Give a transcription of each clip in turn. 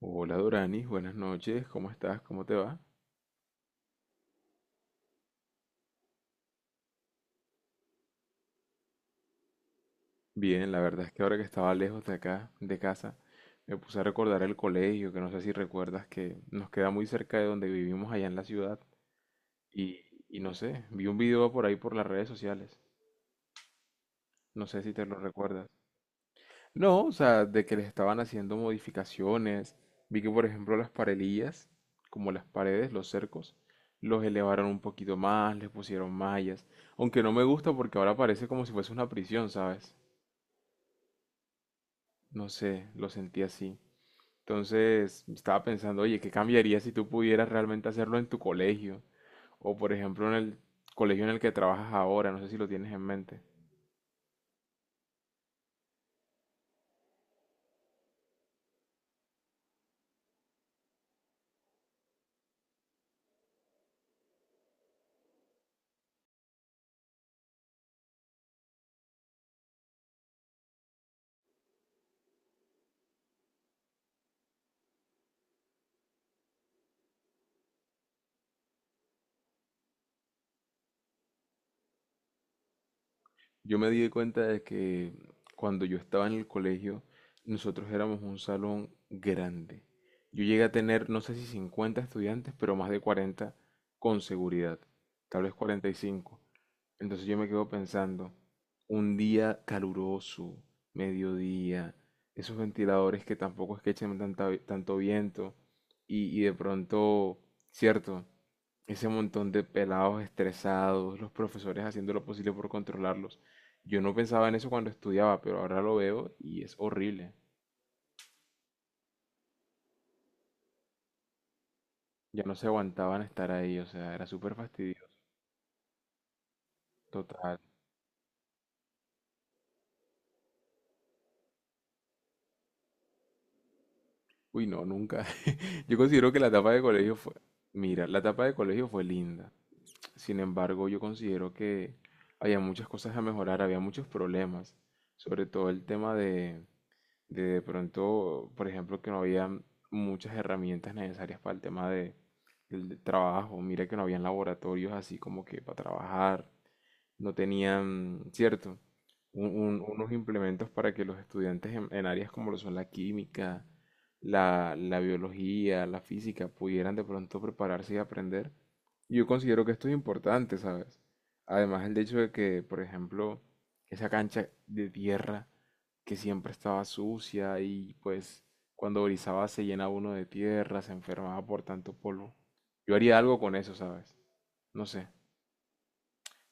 Hola Doranis, buenas noches, ¿cómo estás? ¿Cómo te va? Bien, la verdad es que ahora que estaba lejos de acá, de casa, me puse a recordar el colegio, que no sé si recuerdas que nos queda muy cerca de donde vivimos allá en la ciudad y, y no sé, vi un video por ahí por las redes sociales, no sé si te lo recuerdas. No, o sea, de que les estaban haciendo modificaciones. Vi que, por ejemplo, las parelillas, como las paredes, los cercos, los elevaron un poquito más, les pusieron mallas. Aunque no me gusta porque ahora parece como si fuese una prisión, ¿sabes? No sé, lo sentí así. Entonces, estaba pensando, oye, ¿qué cambiaría si tú pudieras realmente hacerlo en tu colegio? O, por ejemplo, en el colegio en el que trabajas ahora, no sé si lo tienes en mente. Yo me di cuenta de que cuando yo estaba en el colegio, nosotros éramos un salón grande. Yo llegué a tener, no sé si 50 estudiantes, pero más de 40 con seguridad, tal vez 45. Entonces yo me quedo pensando, un día caluroso, mediodía, esos ventiladores que tampoco es que echen tanto viento y de pronto, cierto, ese montón de pelados estresados, los profesores haciendo lo posible por controlarlos. Yo no pensaba en eso cuando estudiaba, pero ahora lo veo y es horrible. Ya no se aguantaban estar ahí, o sea, era súper fastidioso. Total. Uy, no, nunca. Yo considero que la etapa de colegio fue. Mira, la etapa de colegio fue linda. Sin embargo, yo considero que había muchas cosas a mejorar, había muchos problemas. Sobre todo el tema de pronto, por ejemplo, que no había muchas herramientas necesarias para el tema del trabajo. Mira que no habían laboratorios así como que para trabajar no tenían, cierto, unos implementos para que los estudiantes en áreas como lo son la química, la biología, la física, pudieran de pronto prepararse y aprender. Yo considero que esto es importante, ¿sabes? Además, el hecho de que, por ejemplo, esa cancha de tierra que siempre estaba sucia y pues cuando brizaba se llenaba uno de tierra, se enfermaba por tanto polvo. Yo haría algo con eso, ¿sabes? No sé.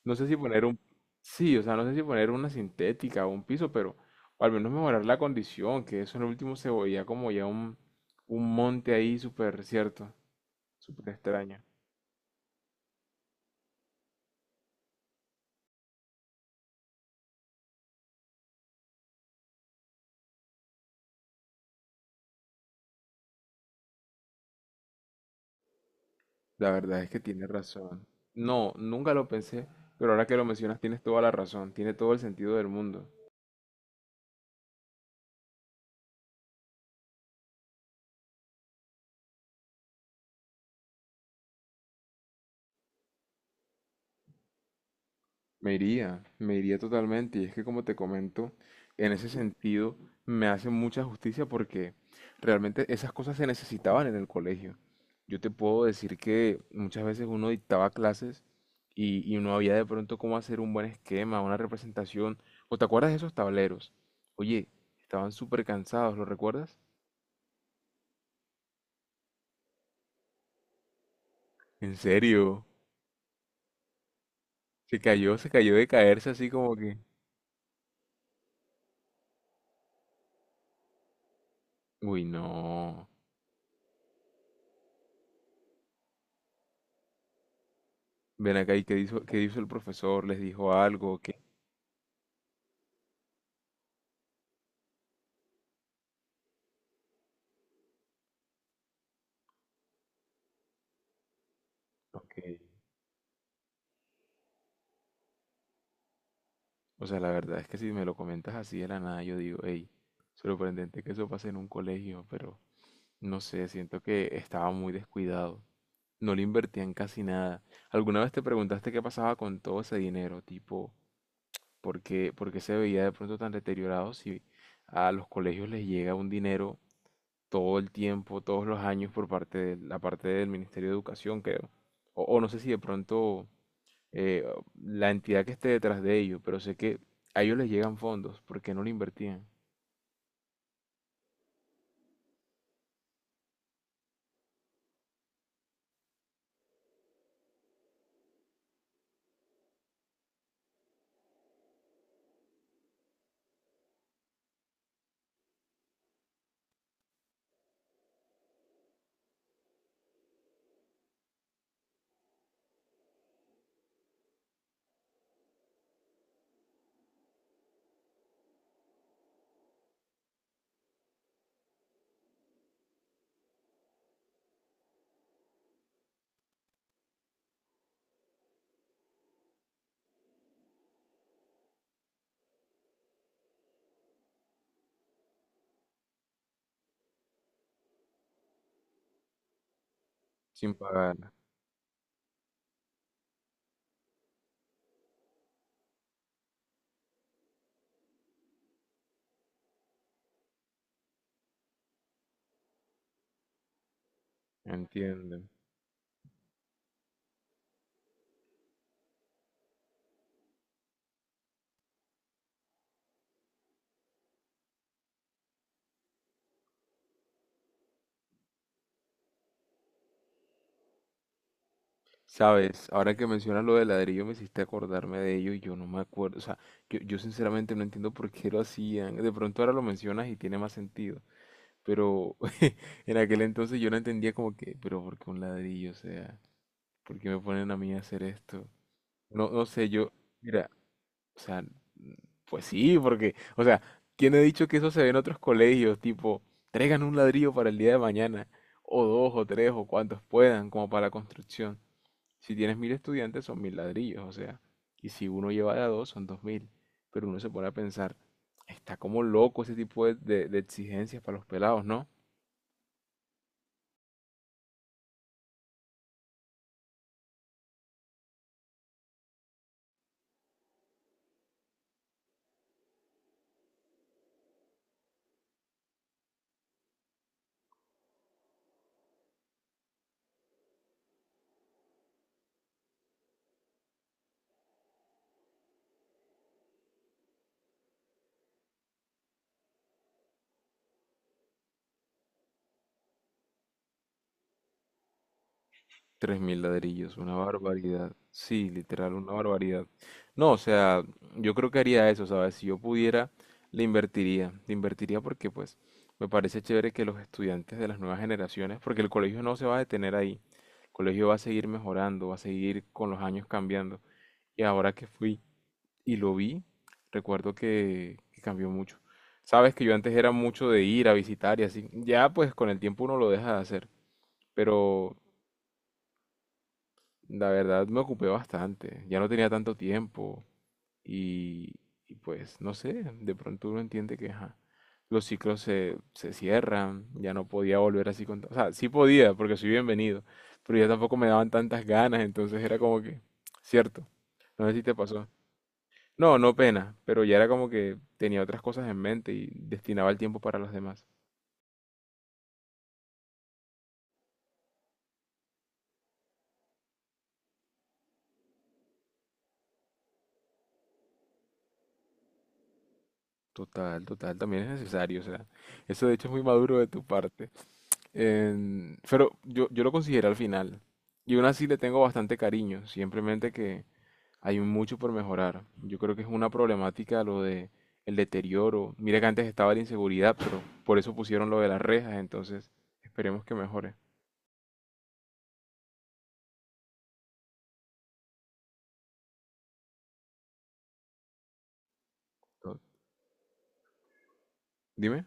No sé si poner un. Sí, o sea, no sé si poner una sintética o un piso, pero. O al menos mejorar la condición, que eso en el último se veía como ya un monte ahí súper cierto, súper extraño. La verdad es que tiene razón. No, nunca lo pensé, pero ahora que lo mencionas tienes toda la razón, tiene todo el sentido del mundo. Me iría totalmente. Y es que como te comento, en ese sentido me hace mucha justicia porque realmente esas cosas se necesitaban en el colegio. Yo te puedo decir que muchas veces uno dictaba clases y no había de pronto cómo hacer un buen esquema, una representación. ¿O te acuerdas de esos tableros? Oye, estaban súper cansados, ¿lo recuerdas? ¿En serio? Se cayó de caerse así como que. Uy, no. Ven acá y qué hizo el profesor, les dijo algo. Ok. O sea, la verdad es que si me lo comentas así de la nada, yo digo, hey, sorprendente que eso pase en un colegio, pero no sé, siento que estaba muy descuidado. No le invertían casi nada. ¿Alguna vez te preguntaste qué pasaba con todo ese dinero? Tipo, ¿por qué se veía de pronto tan deteriorado si a los colegios les llega un dinero todo el tiempo, todos los años por parte de la parte del Ministerio de Educación, creo? O no sé si de pronto eh, la entidad que esté detrás de ellos, pero sé que a ellos les llegan fondos porque no lo invertían sin pagar, ¿entienden? Sabes, ahora que mencionas lo del ladrillo me hiciste acordarme de ello y yo no me acuerdo, o sea, yo sinceramente no entiendo por qué lo hacían, de pronto ahora lo mencionas y tiene más sentido, pero en aquel entonces yo no entendía como que, pero ¿por qué un ladrillo? O sea, ¿por qué me ponen a mí a hacer esto? No, no sé, yo, mira. O sea, pues sí, porque, o sea, tiene dicho que eso se ve en otros colegios, tipo, traigan un ladrillo para el día de mañana, o dos, o tres, o cuantos puedan, como para la construcción. Si tienes 1000 estudiantes, son 1000 ladrillos, o sea, y si uno lleva de a dos, son 2000. Pero uno se pone a pensar, está como loco ese tipo de exigencias para los pelados, ¿no? 3000 ladrillos, una barbaridad. Sí, literal, una barbaridad. No, o sea, yo creo que haría eso, ¿sabes? Si yo pudiera, le invertiría. Le invertiría porque, pues, me parece chévere que los estudiantes de las nuevas generaciones, porque el colegio no se va a detener ahí. El colegio va a seguir mejorando, va a seguir con los años cambiando. Y ahora que fui y lo vi, recuerdo que cambió mucho. Sabes que yo antes era mucho de ir a visitar y así. Ya, pues, con el tiempo uno lo deja de hacer. Pero la verdad me ocupé bastante, ya no tenía tanto tiempo y, y pues no sé, de pronto uno entiende que ajá, los ciclos se cierran, ya no podía volver así O sea, sí podía porque soy bienvenido, pero ya tampoco me daban tantas ganas, entonces era como que, cierto, no sé si te pasó. No, no pena, pero ya era como que tenía otras cosas en mente y destinaba el tiempo para las demás. Total, total, también es necesario, o sea, eso de hecho es muy maduro de tu parte. Pero yo lo consideré al final. Y aún así le tengo bastante cariño, simplemente que hay mucho por mejorar. Yo creo que es una problemática lo de el deterioro. Mira que antes estaba la inseguridad, pero por eso pusieron lo de las rejas, entonces esperemos que mejore. To- Dime.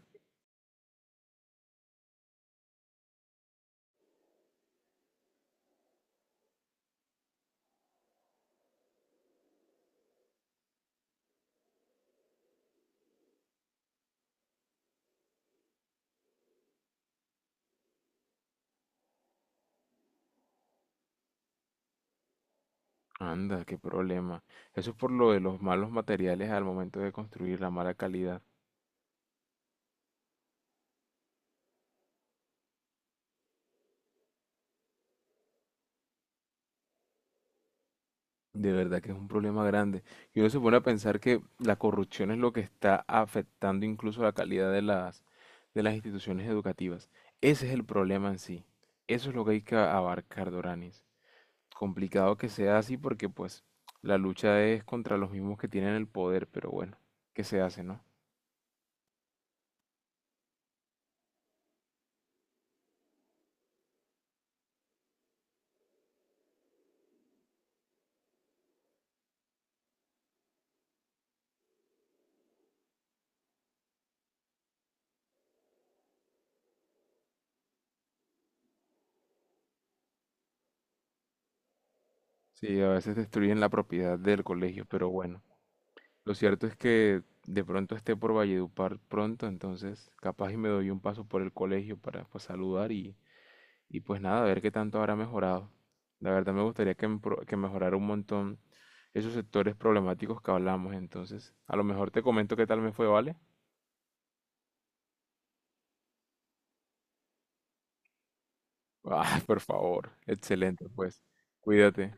Anda, qué problema. Eso es por lo de los malos materiales al momento de construir, la mala calidad. De verdad que es un problema grande. Y uno se pone a pensar que la corrupción es lo que está afectando incluso la calidad de las instituciones educativas. Ese es el problema en sí. Eso es lo que hay que abarcar, Doranis. Complicado que sea así porque pues la lucha es contra los mismos que tienen el poder, pero bueno, ¿qué se hace, no? Sí, a veces destruyen la propiedad del colegio, pero bueno. Lo cierto es que de pronto esté por Valledupar pronto, entonces capaz y me doy un paso por el colegio para pues saludar y pues nada, a ver qué tanto habrá mejorado. La verdad me gustaría que mejorara un montón esos sectores problemáticos que hablamos. Entonces, a lo mejor te comento qué tal me fue, ¿vale? Ah, por favor. Excelente, pues. Cuídate.